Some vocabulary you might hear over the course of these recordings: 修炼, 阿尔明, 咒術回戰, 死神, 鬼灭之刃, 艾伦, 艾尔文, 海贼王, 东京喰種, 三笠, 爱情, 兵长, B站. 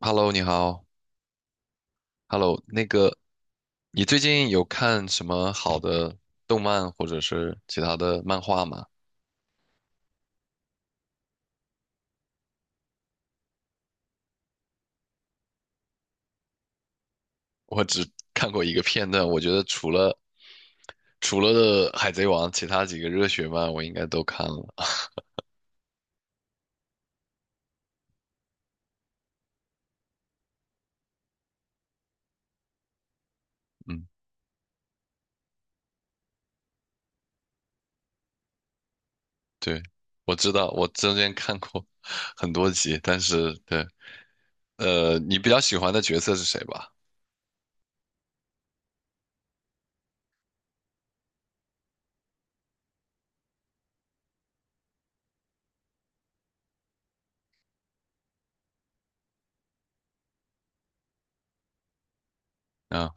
Hello，你好。Hello，你最近有看什么好的动漫或者是其他的漫画吗？我只看过一个片段，我觉得除了《海贼王》，其他几个热血漫我应该都看了。嗯，对，我知道，我中间看过 很多集，但是对，你比较喜欢的角色是谁吧？啊，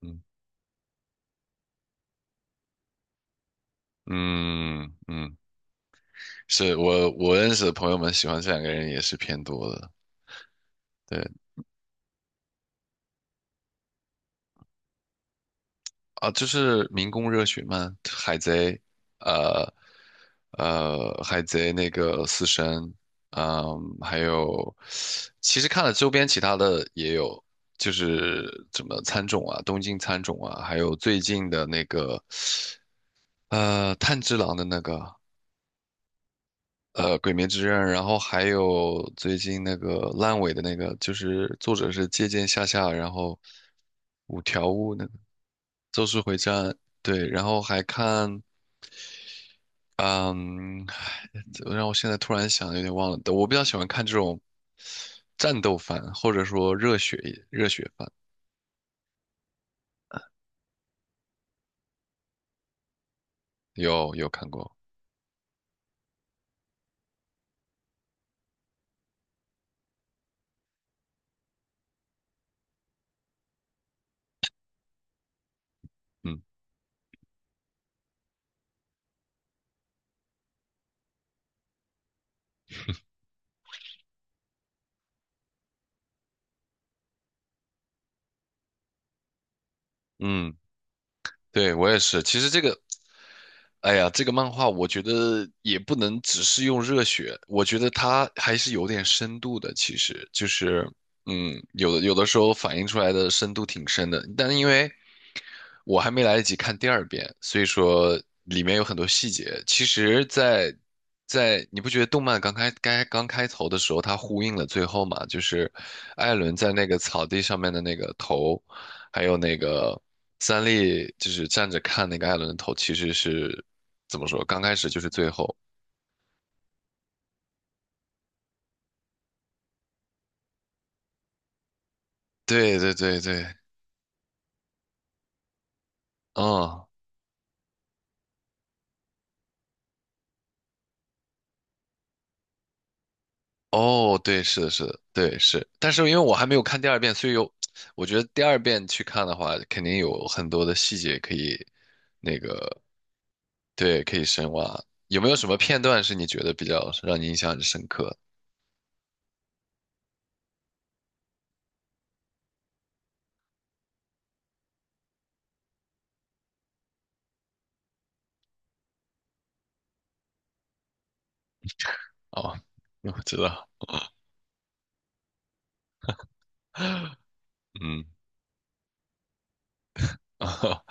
嗯嗯嗯，是我认识的朋友们喜欢这两个人也是偏多的。对。啊，就是民工热血漫、海贼，呃，海贼那个死神，嗯，还有，其实看了周边其他的也有，就是什么参种啊，东京参种啊，还有最近的那个，炭治郎的那个，鬼灭之刃，然后还有最近那个烂尾的那个，就是作者是借鉴下下，然后五条悟那个咒术回战。对，然后还看嗯，让我现在突然想，有点忘了。我比较喜欢看这种战斗番，或者说热血番，有看过。嗯嗯，对，我也是。其实这个哎呀，这个漫画我觉得也不能只是用热血，我觉得它还是有点深度的。其实就是，嗯，有的时候反映出来的深度挺深的，但因为我还没来得及看第二遍，所以说里面有很多细节。其实在，在你不觉得动漫刚开头的时候，它呼应了最后嘛？就是艾伦在那个草地上面的那个头，还有那个三笠，就是站着看那个艾伦的头，其实是怎么说？刚开始就是最后，对对对对，嗯，哦，对，是的，是的，对是。但是因为我还没有看第二遍，所以有，我觉得第二遍去看的话，肯定有很多的细节可以，那个，对，可以深挖。有没有什么片段是你觉得比较让你印象很深刻的？哦，我知道，嗯，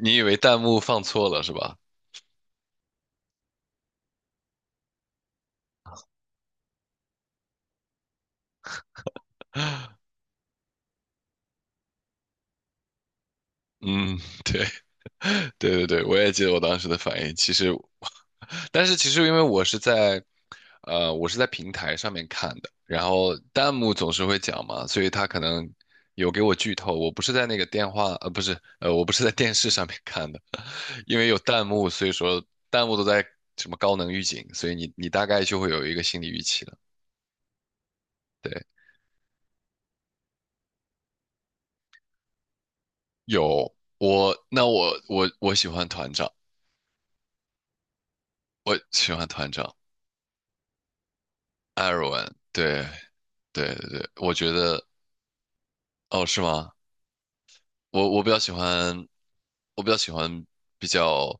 你以为弹幕放错了是吧？嗯。对对对，我也记得我当时的反应。其实，但是其实因为我是在，我是在平台上面看的，然后弹幕总是会讲嘛，所以他可能有给我剧透。我不是在那个电话，不是，我不是在电视上面看的，因为有弹幕，所以说弹幕都在什么高能预警，所以你大概就会有一个心理预期了。对，有我，那我喜欢团长，我喜欢团长艾尔文。对对对对，我觉得。哦，是吗？我比较喜欢，我比较喜欢比较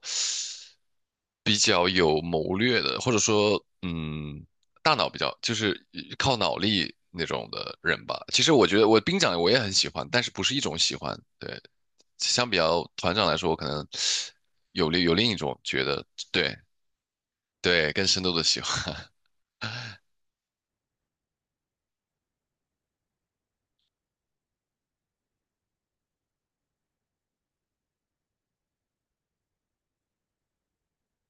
比较有谋略的，或者说，嗯，大脑比较就是靠脑力那种的人吧。其实我觉得我兵长我也很喜欢，但是不是一种喜欢。对，相比较团长来说，我可能有另一种觉得，对对，更深度的喜欢。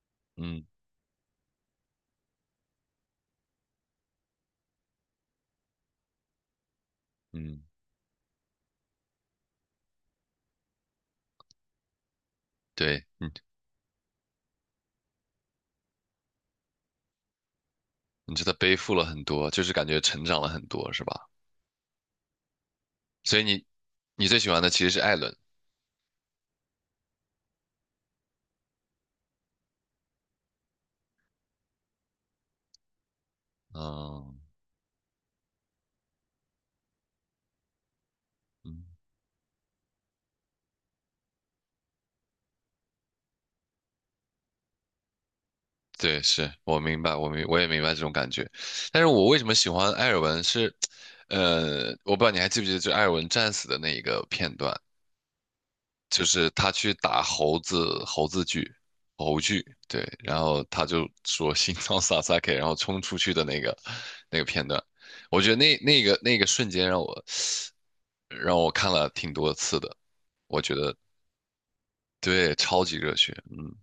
嗯嗯，对，你觉得背负了很多，就是感觉成长了很多，是吧？所以你最喜欢的其实是艾伦。嗯嗯，对，是我明白，我也明白这种感觉。但是我为什么喜欢艾尔文是，我不知道你还记不记得，就艾尔文战死的那一个片段，就是他去打猴剧，对，然后他就说心脏萨 K，然后冲出去的那个那个片段，我觉得那个瞬间让我看了挺多次的，我觉得对，超级热血，嗯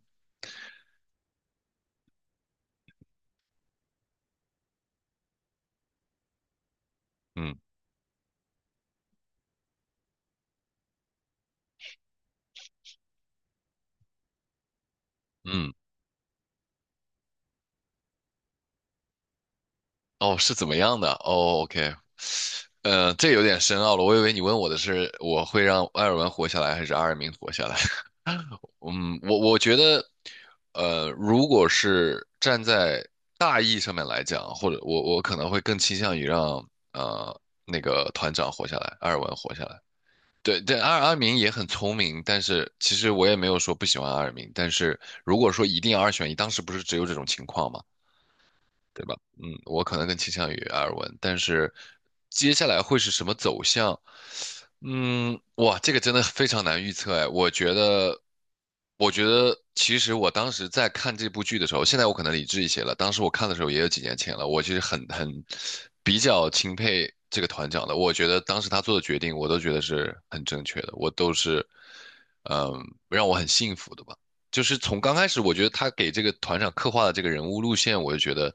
嗯嗯。哦，是怎么样的？哦，OK，这有点深奥了。我以为你问我的是我会让艾尔文活下来，还是阿尔明活下来？嗯，我觉得，如果是站在大义上面来讲，或者我可能会更倾向于让那个团长活下来，艾尔文活下来。对对，阿尔明也很聪明，但是其实我也没有说不喜欢阿尔明，但是如果说一定要二选一，当时不是只有这种情况吗？对吧？嗯，我可能更倾向于埃尔文，但是接下来会是什么走向？嗯，哇，这个真的非常难预测哎。我觉得，我觉得其实我当时在看这部剧的时候，现在我可能理智一些了。当时我看的时候也有几年前了，我其实很比较钦佩这个团长的。我觉得当时他做的决定，我都觉得是很正确的，我都是。嗯，让我很幸福的吧。就是从刚开始，我觉得他给这个团长刻画的这个人物路线，我就觉得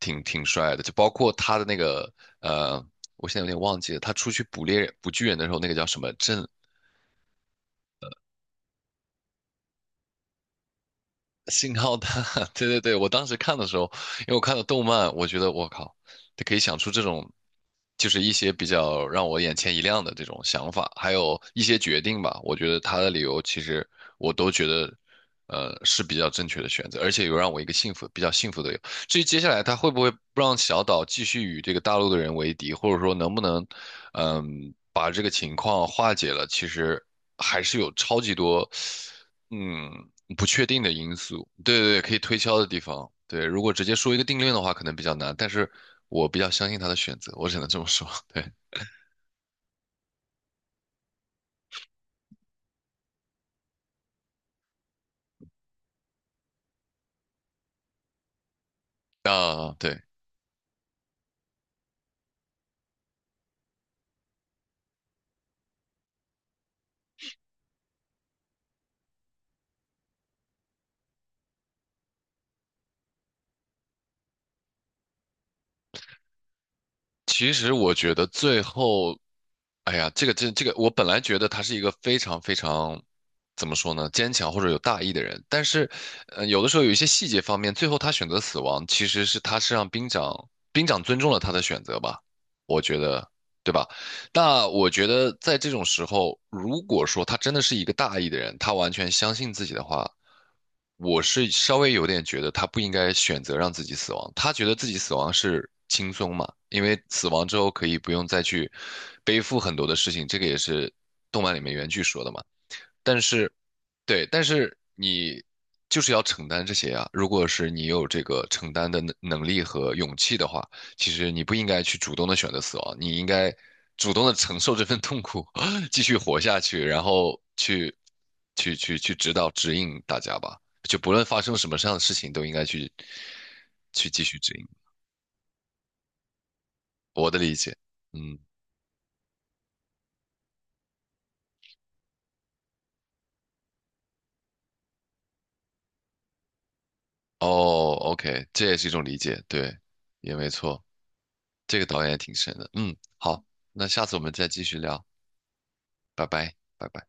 挺帅的。就包括他的那个呃，我现在有点忘记了，他出去捕巨人的时候，那个叫什么镇信号弹，对对对，我当时看的时候，因为我看了动漫，我觉得我靠，他可以想出这种，就是一些比较让我眼前一亮的这种想法，还有一些决定吧。我觉得他的理由其实我都觉得，是比较正确的选择，而且有让我一个幸福，比较幸福的理由至于接下来他会不会让小岛继续与这个大陆的人为敌，或者说能不能，嗯，把这个情况化解了，其实还是有超级多。嗯，不确定的因素，对对对，可以推敲的地方，对，如果直接说一个定论的话，可能比较难，但是我比较相信他的选择，我只能这么说，对，啊，对，其实我觉得最后，哎呀，这个，我本来觉得他是一个非常非常，怎么说呢，坚强或者有大义的人，但是，有的时候有一些细节方面，最后他选择死亡，其实是他是让兵长尊重了他的选择吧，我觉得，对吧？那我觉得在这种时候，如果说他真的是一个大义的人，他完全相信自己的话，我是稍微有点觉得他不应该选择让自己死亡。他觉得自己死亡是轻松嘛，因为死亡之后可以不用再去背负很多的事情，这个也是动漫里面原剧说的嘛。但是，对，但是你就是要承担这些啊。如果是你有这个承担的能力和勇气的话，其实你不应该去主动的选择死亡，你应该主动的承受这份痛苦，继续活下去，然后去指导指引大家吧。就不论发生什么样的事情，都应该去继续指引。我的理解，嗯，哦，OK，这也是一种理解，对，也没错。这个导演也挺神的。嗯，好，那下次我们再继续聊，拜拜，拜拜。